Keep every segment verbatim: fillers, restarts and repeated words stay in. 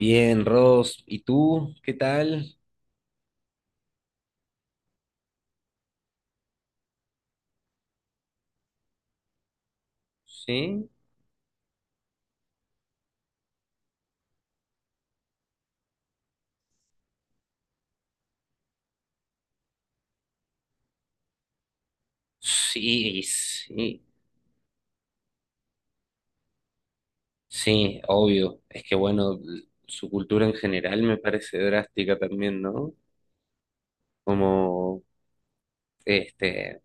Bien, Ross, ¿y tú? ¿Qué tal? Sí. Sí, sí, sí, obvio. Es que bueno, l- su cultura en general me parece drástica también, ¿no? Como, este,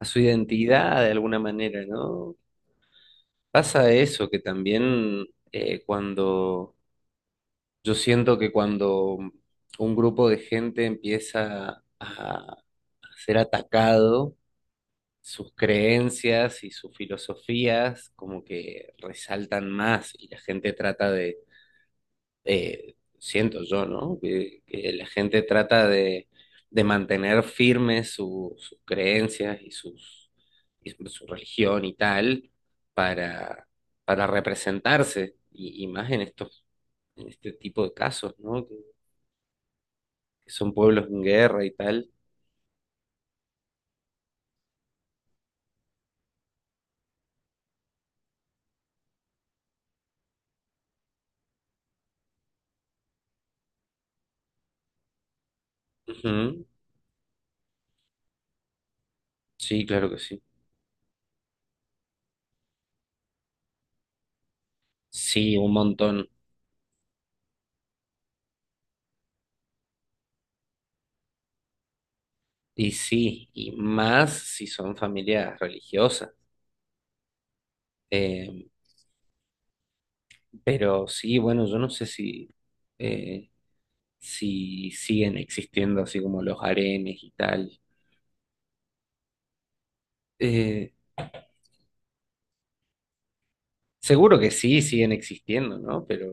a su identidad de alguna manera, ¿no? Pasa eso, que también eh, cuando, yo siento que cuando un grupo de gente empieza a a ser atacado, sus creencias y sus filosofías como que resaltan más y la gente trata de, eh, siento yo, ¿no? Que, que la gente trata de, de mantener firmes su- sus creencias y, sus, y su religión y tal para, para representarse y, y más en estos, en este tipo de casos, ¿no? Que, que son pueblos en guerra y tal. Ujú. Sí, claro que sí. Sí, un montón. Y sí, y más si son familias religiosas. Eh, pero sí, bueno, yo no sé si, eh, si siguen existiendo así como los harenes y tal. Eh, seguro que sí, siguen existiendo, ¿no? Pero,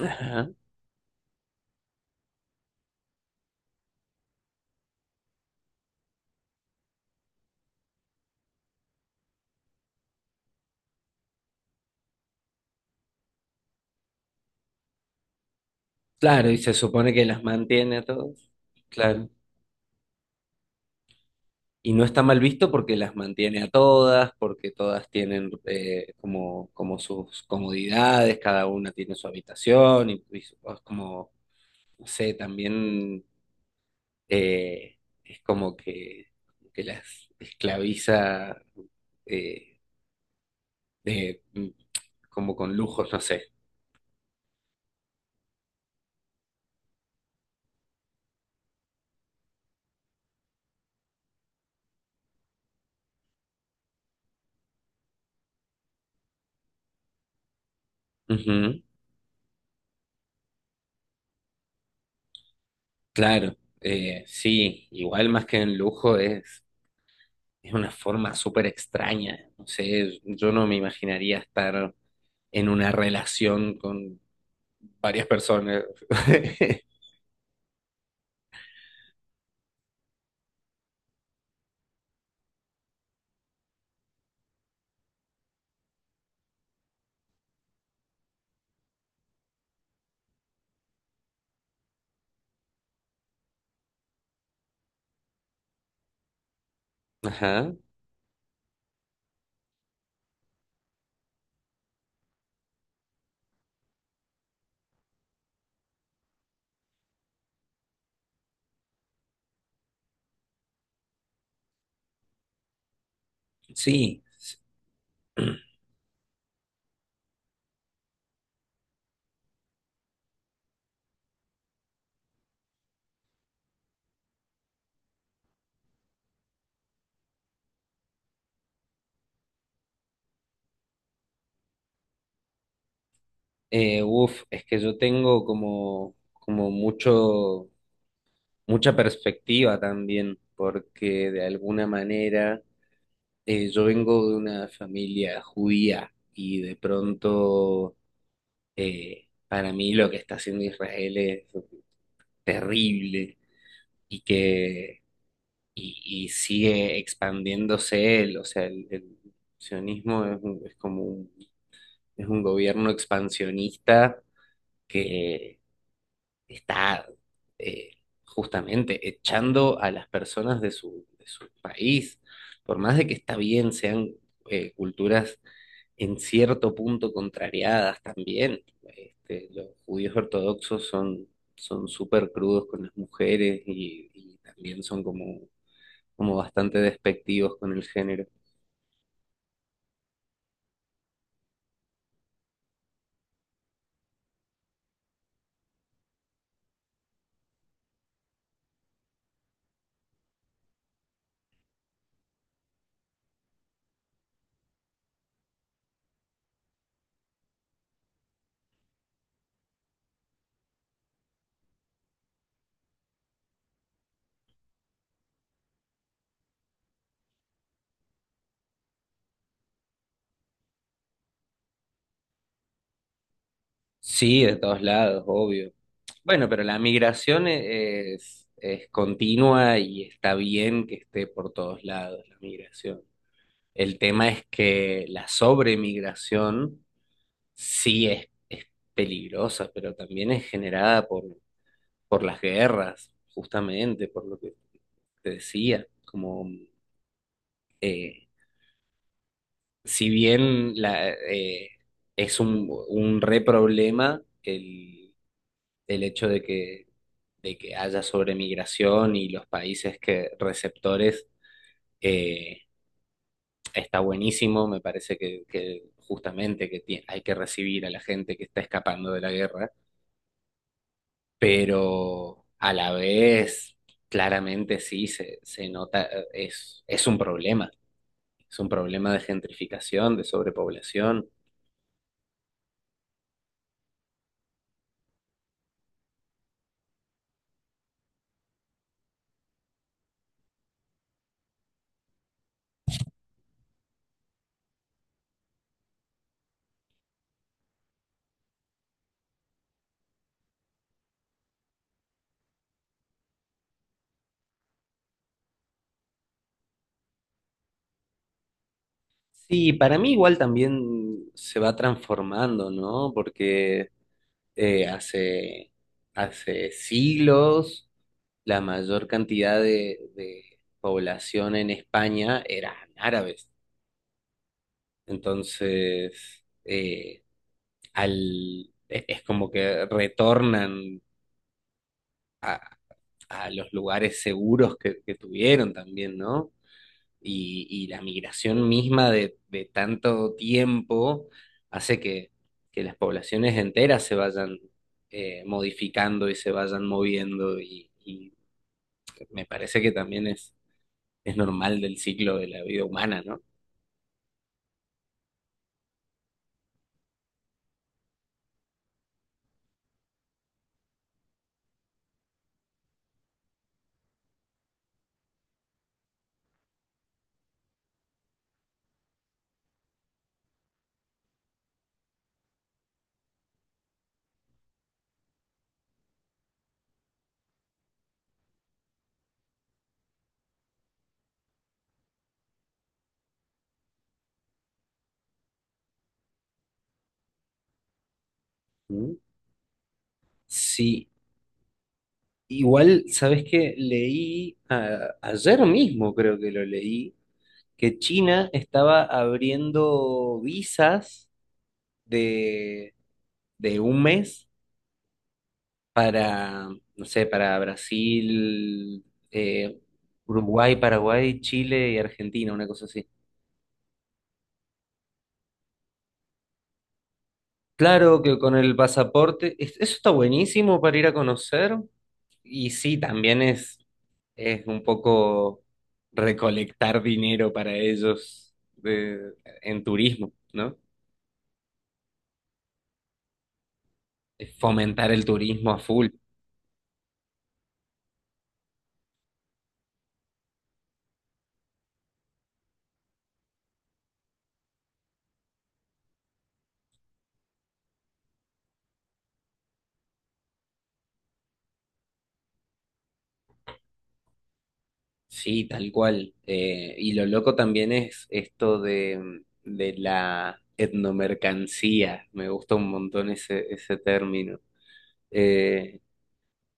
ajá. Claro, y se supone que las mantiene a todos. Claro. Y no está mal visto porque las mantiene a todas, porque todas tienen eh, como, como sus comodidades, cada una tiene su habitación y, y su- es como no sé, también eh, es como que, que las esclaviza eh, de, mm, como con lujos, no sé. Ujú. Claro, eh, sí, igual más que en lujo es, es una forma súper extraña. No sé, yo no me imaginaría estar en una relación con varias personas. Ajá. Sí, s- eh, uf, es que yo tengo como, como mucho mucha perspectiva también, porque de alguna manera eh, yo vengo de una familia judía y de pronto eh, para mí lo que está haciendo Israel es terrible y que y, y sigue expandiéndose él, o sea, el, el sionismo es, un- es como un, es un gobierno expansionista está eh, justamente echando a las personas de su, de su país, por más de que está bien, sean eh, culturas en cierto punto contrariadas también. Este, los judíos ortodoxos son son súper crudos con las mujeres y, y también son como, como bastante despectivos con el género. Sí, de todos lados, obvio. Bueno, pero la migración e- es, es continua y está bien que esté por todos lados la migración. El tema es que la sobremigración sí es, es peligrosa, pero también es generada por, por las guerras, justamente, por lo que te decía. Como, eh, si bien la, eh, es un, un re problema el el hecho de que, de que haya sobremigración y los países que receptores eh, está buenísimo, me parece que, que justamente que tie- hay que recibir a la gente que está escapando de la guerra, pero a la vez claramente sí se, se nota, eh, es, es un problema, es un problema de gentrificación, de sobrepoblación. Sí, para mí igual también se va transformando, ¿no? Porque eh, hace, hace siglos la mayor cantidad de, de población en España eran árabes. Entonces, eh, al, e- es como que retornan a los lugares seguros que, que tuvieron también, ¿no? Y, y la migración misma de, de tanto tiempo hace que, que las poblaciones enteras se vayan eh, modificando y se vayan moviendo y, y me parece que también es, es normal del ciclo de la vida humana, ¿no? ¿Mm? Sí, igual, ¿sabes qué? Leí a- ayer mismo, creo que lo leí, que China estaba abriendo visas de, de un mes para, no sé, para Brasil, eh, Uruguay, Paraguay, Chile y Argentina, una cosa así. Claro que con el pasaporte, es- eso está buenísimo para ir a conocer. Y sí, también es, es un poco recolectar dinero para ellos de- en turismo, ¿no? Es fomentar el turismo a full. Sí, tal cual. Eh, y lo loco también es esto de, de la etnomercancía. Me gusta un montón ese, ese término. Eh,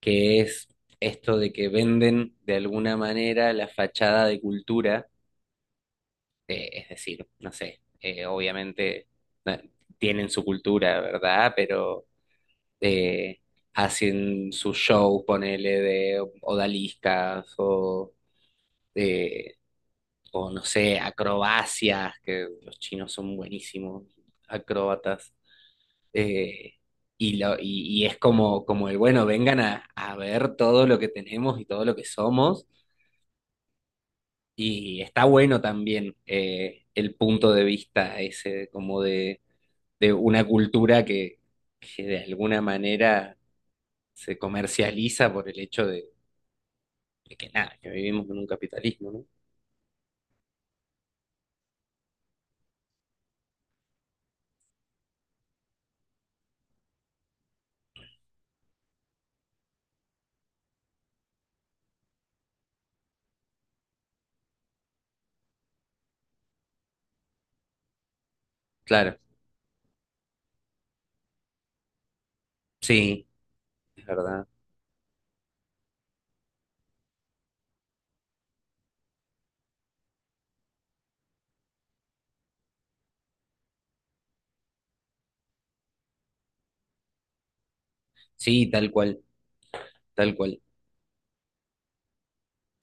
que es esto de que venden de alguna manera la fachada de cultura, eh, es decir, no sé, eh, obviamente no, tienen su cultura, ¿verdad? Pero eh, hacen su show, ponele, de odaliscas o, eh, o no sé, acrobacias, que los chinos son buenísimos, acróbatas. eh, y, lo, y, y es como, como el, bueno, vengan a, a ver todo lo que tenemos y todo lo que somos, y está bueno también eh, el punto de vista ese, como de, de una cultura que, que de alguna manera se comercializa por el hecho de, de que nada, que vivimos en un capitalismo, ¿no? Claro, sí, es verdad. Sí, tal cual, tal cual.